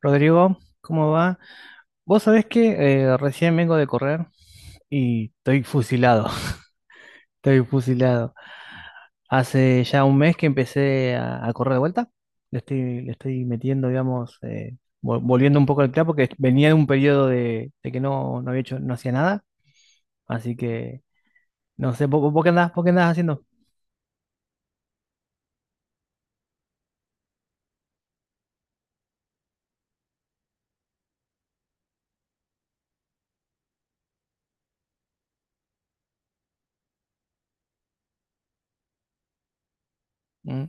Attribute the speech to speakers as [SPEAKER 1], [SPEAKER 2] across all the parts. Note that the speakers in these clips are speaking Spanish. [SPEAKER 1] Rodrigo, ¿cómo va? Vos sabés que recién vengo de correr y estoy fusilado, estoy fusilado. Hace ya un mes que empecé a correr de vuelta, le estoy metiendo, digamos, volviendo un poco al clavo porque venía de un periodo de que no había hecho, no hacía nada, así que no sé, ¿¿vos, qué andás, vos qué andás haciendo? Mm.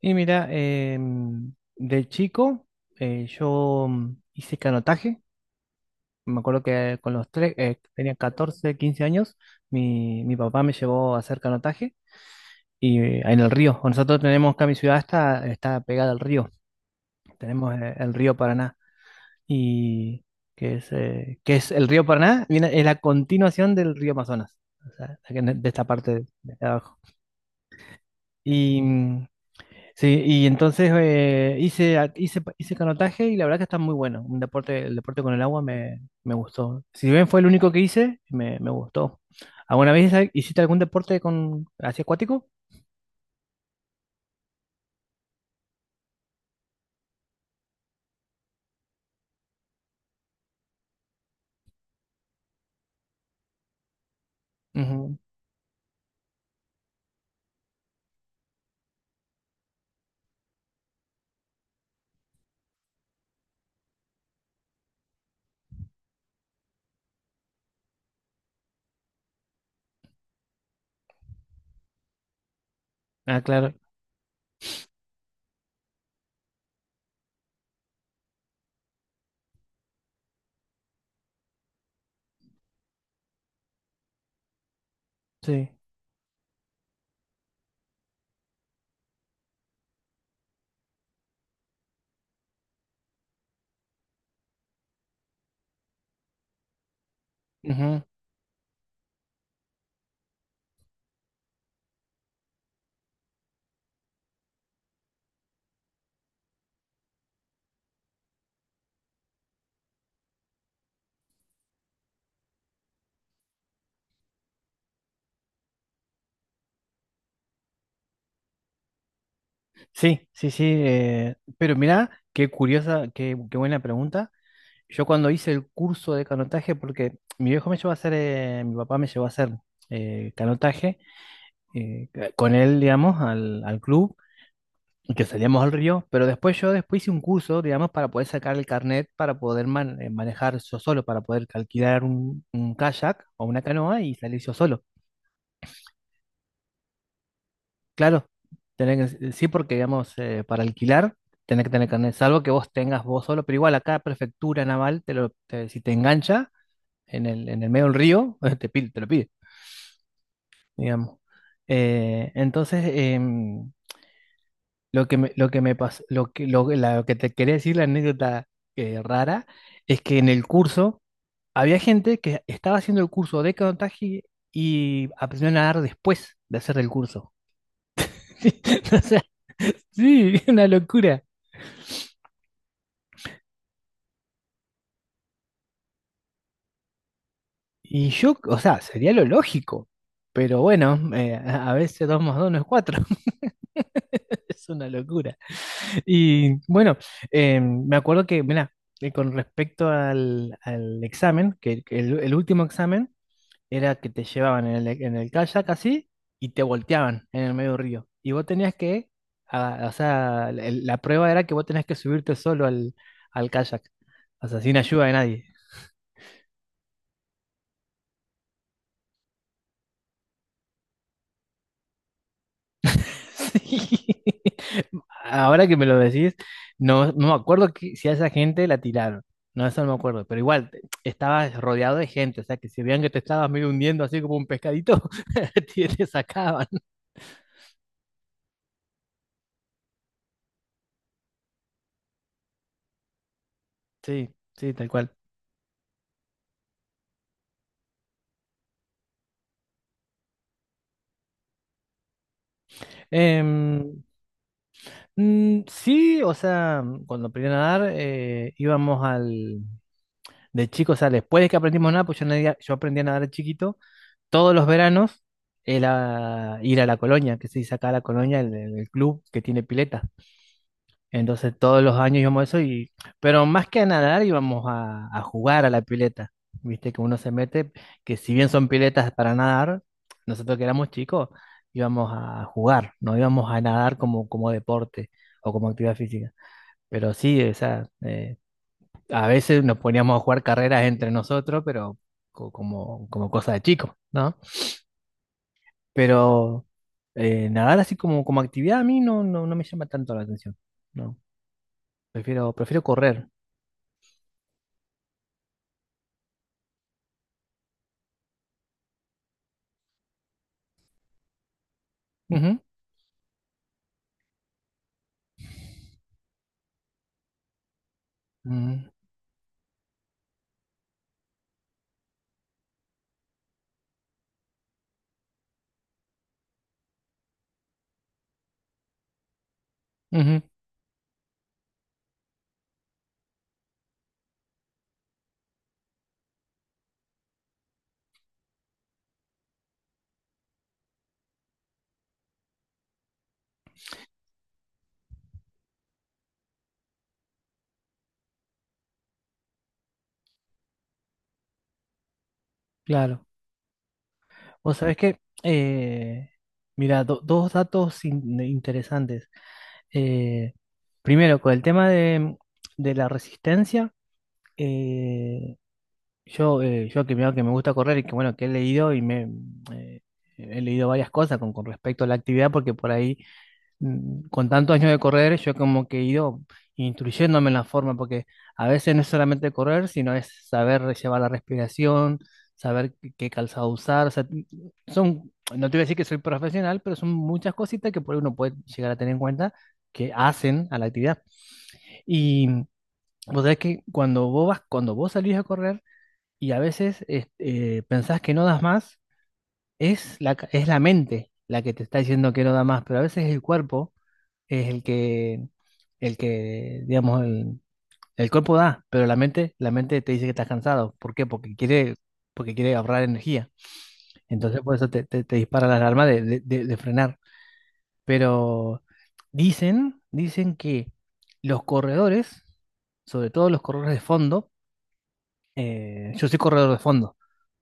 [SPEAKER 1] Y mira, de chico yo hice canotaje. Me acuerdo que con los tres, tenía 14, 15 años, mi papá me llevó a hacer canotaje y en el río. Nosotros tenemos acá, mi ciudad está pegada al río. Tenemos el río Paraná. Y que es el río Paraná, viene, es la continuación del río Amazonas, o sea, de esta parte de abajo. Y sí, y entonces hice canotaje y la verdad que está muy bueno. Un deporte, el deporte con el agua me gustó. Si bien fue el único que hice, me gustó. ¿Alguna vez hiciste algún deporte con así acuático? Ujú. Ah, claro, sí. Ujú. Sí, sí, sí. Pero mirá, qué curiosa, qué buena pregunta. Yo cuando hice el curso de canotaje, porque mi viejo me llevó a hacer, mi papá me llevó a hacer canotaje, eh, con él, digamos, al club. Y que salíamos al río, pero después yo después hice un curso, digamos, para poder sacar el carnet, para poder manejar yo solo, para poder alquilar un kayak o una canoa y salir yo solo. Claro, sí, porque, digamos, para alquilar tenés que tener carnet, salvo que vos tengas vos solo, pero igual acá prefectura naval, si te engancha en el medio del río, te lo pide, digamos. Entonces, lo que me pasó, lo que te quería decir, la anécdota rara, es que en el curso había gente que estaba haciendo el curso de canotaje y aprendió a nadar después de hacer el curso. O sea, sí, una locura. Y yo, o sea, sería lo lógico, pero bueno, a veces dos más dos no es cuatro. Es una locura. Y bueno, me acuerdo que, mira, con respecto al examen, que el último examen, era que te llevaban en el kayak así y te volteaban en el medio del río. Y vos tenías que, ah, o sea, la prueba era que vos tenías que subirte solo al kayak, o sea, sin ayuda de nadie. Sí. Ahora que me lo decís, no me acuerdo si a esa gente la tiraron. No, eso no me acuerdo, pero igual estabas rodeado de gente, o sea que si veían que te estabas medio hundiendo así como un pescadito, te sacaban. Sí, sí, tal cual. Em, sí, o sea, cuando aprendí a nadar, íbamos al... De chicos, o sea, después de que aprendimos a nadar, pues yo, yo aprendí a nadar de chiquito, todos los veranos era ir a la colonia, que se dice acá la colonia, el club que tiene pileta. Entonces todos los años íbamos a eso, y, pero más que a nadar íbamos a jugar a la pileta. Viste que uno se mete, que si bien son piletas para nadar, nosotros que éramos chicos íbamos a jugar, no íbamos a nadar como, deporte o como actividad física. Pero sí, o sea, a veces nos poníamos a jugar carreras entre nosotros, pero como cosa de chico, ¿no? Pero nadar así como, como actividad a mí no, no me llama tanto la atención, ¿no? Prefiero, prefiero correr. Ujú, ujú, ujú, claro. Vos sabés que, mira, dos datos interesantes. Eh, Primero, con el tema de la resistencia. eh, yo que, me gusta correr y que bueno, que he leído y me eh, he leído varias cosas con respecto a la actividad, porque por ahí, con tantos años de correr, yo como que he ido instruyéndome en la forma, porque a veces no es solamente correr, sino es saber llevar la respiración, saber qué, qué calzado usar. O sea, son, no te voy a decir que soy profesional, pero son muchas cositas que por ahí uno puede llegar a tener en cuenta que hacen a la actividad. Y vos sabés que cuando vos vas, cuando vos salís a correr, y a veces pensás que no das más, es la, es la mente la que te está diciendo que no da más, pero a veces el cuerpo es el que, digamos, el cuerpo da, pero la mente te dice que estás cansado. ¿Por qué? Porque quiere ahorrar energía. Entonces por eso te, te dispara la alarma de, de frenar. Pero dicen, dicen que los corredores, sobre todo los corredores de fondo, yo soy corredor de fondo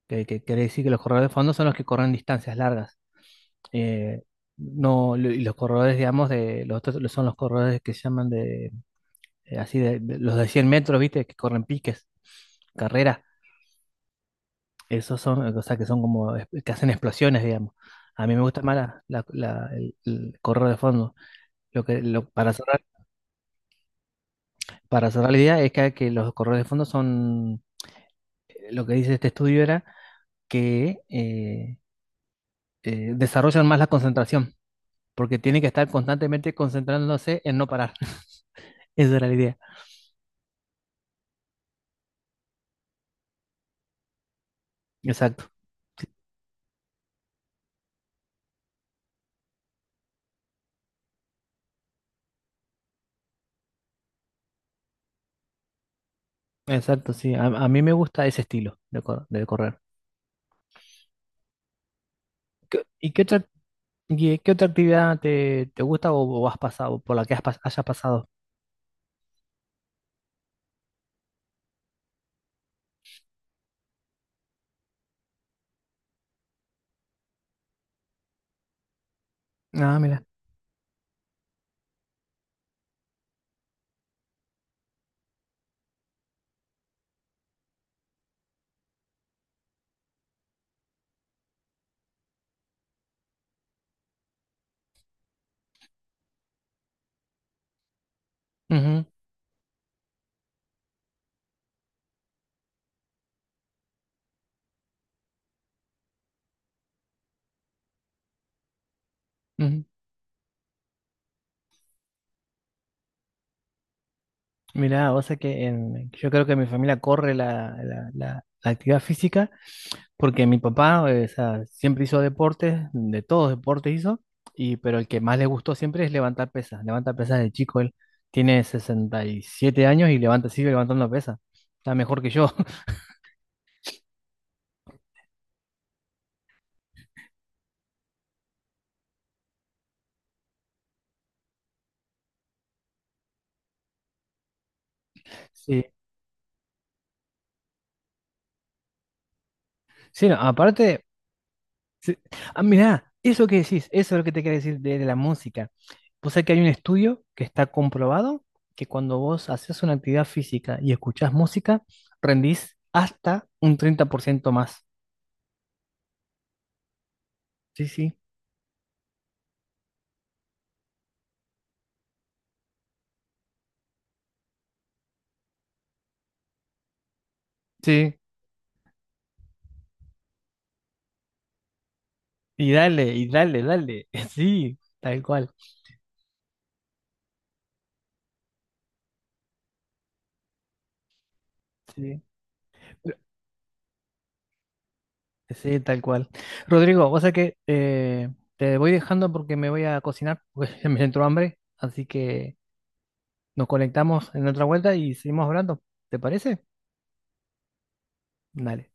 [SPEAKER 1] que quiere decir que los corredores de fondo son los que corren distancias largas. Eh, no, lo- Y los corredores, digamos, de, los otros son los corredores que se llaman de, así, de, los de 100 metros, ¿viste? Que corren piques, carreras. Esos son, o sea, que son como, que hacen explosiones, digamos. A mí me gusta más la, el corredor de fondo. Lo que, lo, para cerrar, para cerrar la idea es que los corredores de fondo son, lo que dice este estudio era que desarrollan más la concentración porque tiene que estar constantemente concentrándose en no parar. Esa era la idea. Exacto, sí, exacto, sí. A mí me gusta ese estilo de, de correr. ¿Qué- ¿Y qué otra, y qué otra actividad te, te gusta o has pasado, por la que hayas pasado? Ah, mira. Ujú, ujú. Mira, o sea que yo creo que mi familia corre la, la actividad física. Porque mi papá, o sea, siempre hizo deportes, de todos deportes hizo, y, pero el que más le gustó siempre es levantar pesas. Levanta pesas de chico, él tiene 67 años y levanta, sigue levantando pesas. Está mejor que yo. Sí, sí, no, aparte, sí. Ah, mirá, eso que decís, eso es lo que te quería decir de la música. Pues es que hay un estudio que está comprobado que cuando vos haces una actividad física y escuchás música, rendís hasta un 30% más. Sí, sí. Sí, y dale, y dale, dale. Sí, tal cual. Sí, sí, tal cual. Rodrigo, o sea que te voy dejando porque me voy a cocinar, porque me entró hambre. Así que nos conectamos en otra vuelta y seguimos hablando. ¿Te parece? Dale.